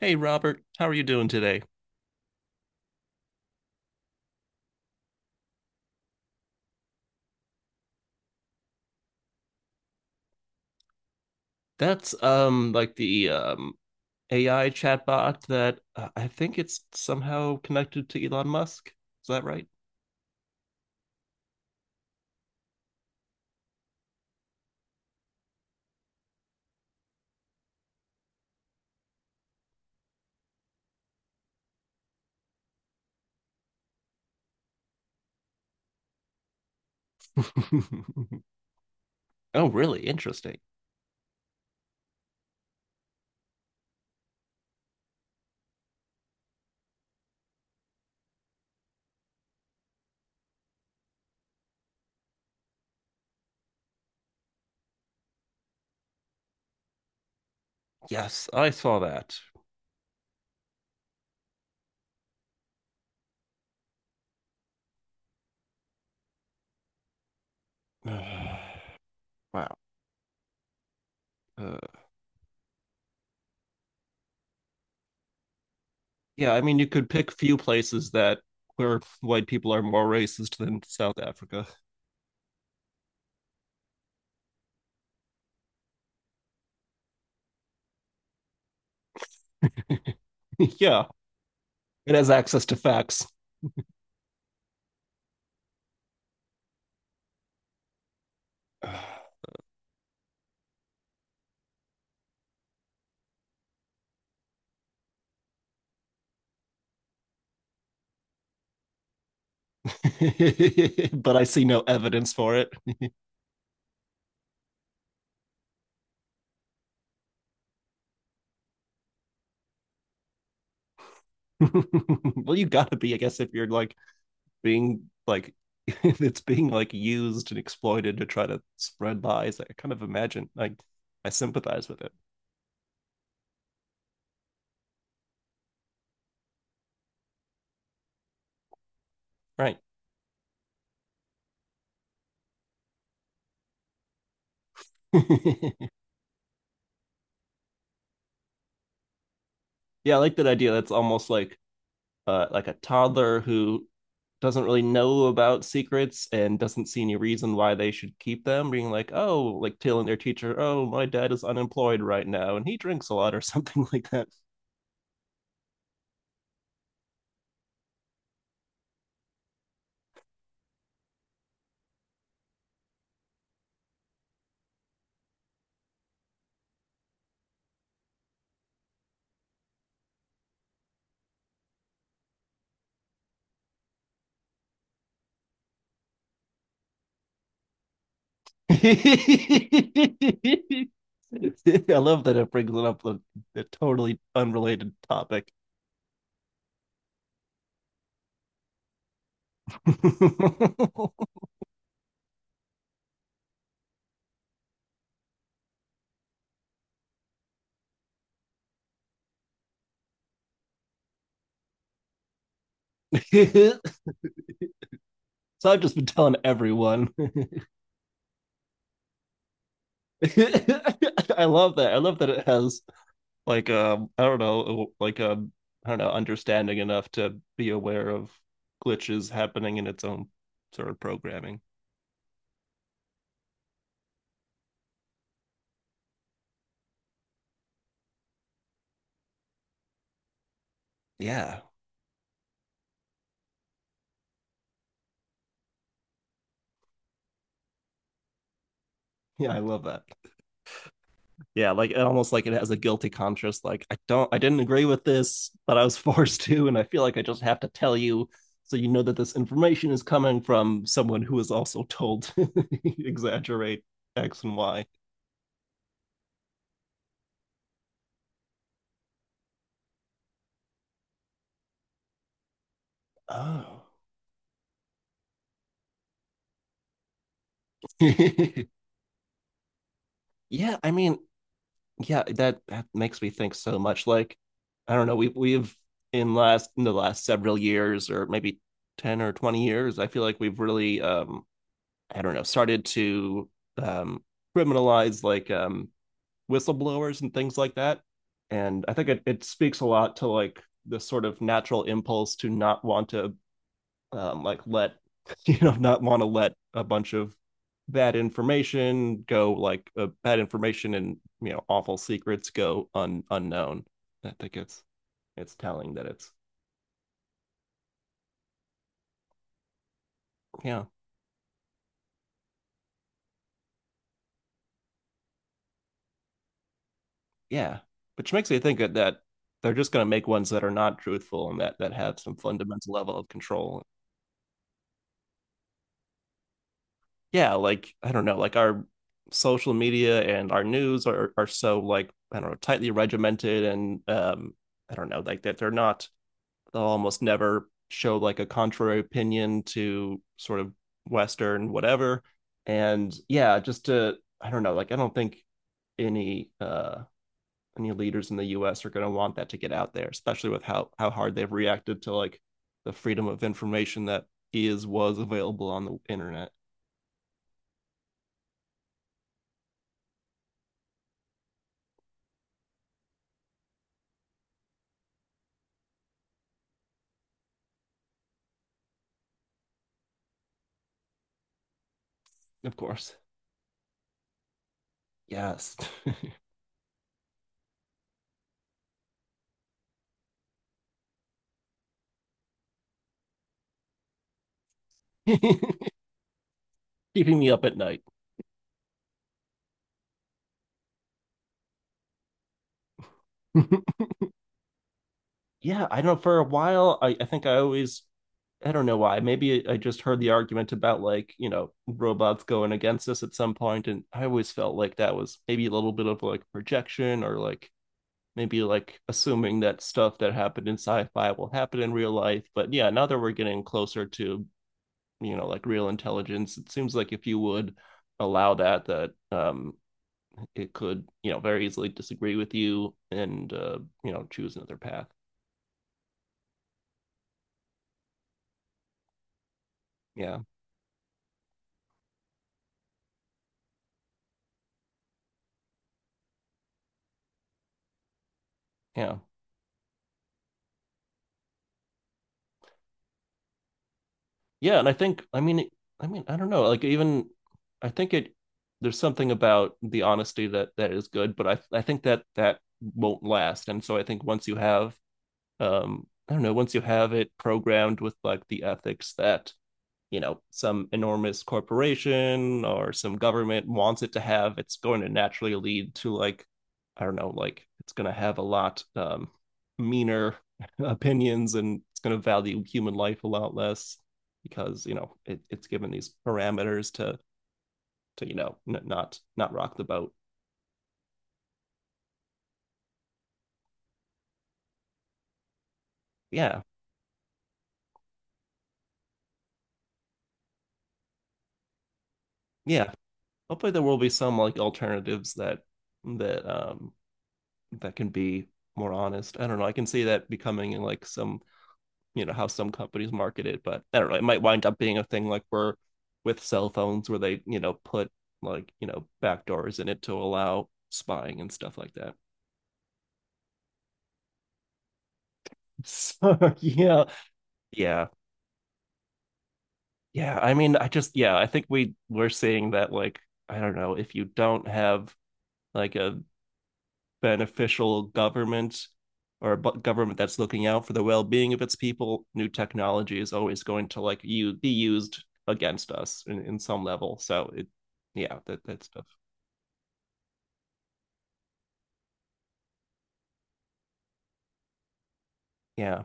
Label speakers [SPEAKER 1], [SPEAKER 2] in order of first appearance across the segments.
[SPEAKER 1] Hey Robert, how are you doing today? That's like the AI chatbot that I think it's somehow connected to Elon Musk. Is that right? Oh, really? Interesting. Yes, I saw that. Wow. Uh, yeah, I mean you could pick few places that where white people are more racist than South Africa. Yeah, it has access to facts. But I see no evidence for it. Well, you gotta be, I guess, if you're like being like it's being like used and exploited to try to spread lies. Like, I kind of imagine like I sympathize with it. Right. Yeah, I like that idea. That's almost like like a toddler who doesn't really know about secrets and doesn't see any reason why they should keep them, being like, oh, like telling their teacher, oh, my dad is unemployed right now and he drinks a lot or something like that. I love that it brings it up a totally unrelated topic. So I've just been telling everyone. I love that. I love that it has like I don't know like I don't know understanding enough to be aware of glitches happening in its own sort of programming. Yeah. Yeah, I love that. Yeah, like almost like it has a guilty conscience. Like I don't I didn't agree with this, but I was forced to and I feel like I just have to tell you, so you know that this information is coming from someone who is also told to exaggerate x and y. Oh. yeah i mean yeah, that makes me think so much. Like, I don't know, we, we've in last in the last several years, or maybe 10 or 20 years, I feel like we've really I don't know started to um criminalize like whistleblowers and things like that. And I think it speaks a lot to like this sort of natural impulse to not want to like let you know, not want to let a bunch of bad information go, like bad information and you know awful secrets go unknown. I think it's telling that it's yeah. Yeah, which makes me think that they're just going to make ones that are not truthful and that have some fundamental level of control. Yeah, like I don't know, like our social media and our news are so like, I don't know, tightly regimented, and I don't know, like that they're not, they'll almost never show like a contrary opinion to sort of Western whatever. And yeah, just to, I don't know, like, I don't think any any leaders in the US are gonna want that to get out there, especially with how hard they've reacted to like the freedom of information that is was available on the internet. Of course. Yes. Keeping me up at night. Yeah, I don't know. For a while, I think I always, I don't know why. Maybe I just heard the argument about like, you know, robots going against us at some point, and I always felt like that was maybe a little bit of like projection, or like maybe like assuming that stuff that happened in sci fi will happen in real life. But yeah, now that we're getting closer to, you know, like real intelligence, it seems like if you would allow that, it could, you know, very easily disagree with you and you know, choose another path. Yeah yeah yeah and I think I mean I mean I don't know like even I think it there's something about the honesty that that is good, but I think that won't last. And so I think once you have I don't know once you have it programmed with like the ethics that, you know, some enormous corporation or some government wants it to have, it's going to naturally lead to like, I don't know, like it's going to have a lot meaner opinions, and it's going to value human life a lot less, because you know it's given these parameters to you know not rock the boat. Yeah. Yeah, hopefully there will be some like alternatives that that um that can be more honest. I don't know, I can see that becoming like some, you know, how some companies market it, but I don't know, it might wind up being a thing like we're with cell phones where they, you know, put like, you know, backdoors in it to allow spying and stuff like that. So yeah. Yeah yeah i mean i just yeah, I think we're seeing that, like, I don't know, if you don't have like a beneficial government or a government that's looking out for the well-being of its people, new technology is always going to like you be used against us in some level. So it, yeah, that stuff. Yeah,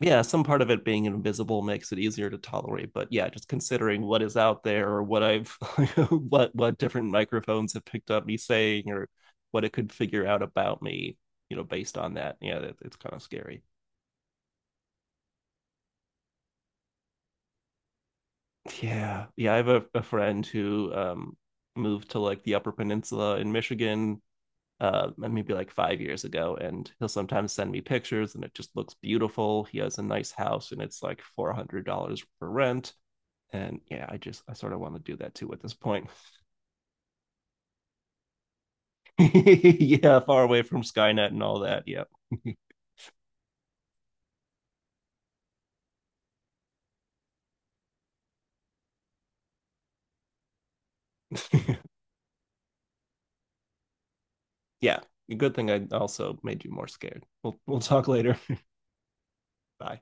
[SPEAKER 1] yeah. Some part of it being invisible makes it easier to tolerate, but yeah, just considering what is out there, or what I've what different microphones have picked up me saying, or what it could figure out about me, you know, based on that. Yeah, that, it's kind of scary. Yeah. Yeah, I have a friend who moved to like the Upper Peninsula in Michigan maybe like 5 years ago, and he'll sometimes send me pictures and it just looks beautiful. He has a nice house and it's like $400 for rent. And yeah, I just I sort of want to do that too at this point. Yeah, far away from Skynet and all that. Yeah. Yeah. Good thing I also made you more scared. We'll talk later. Bye.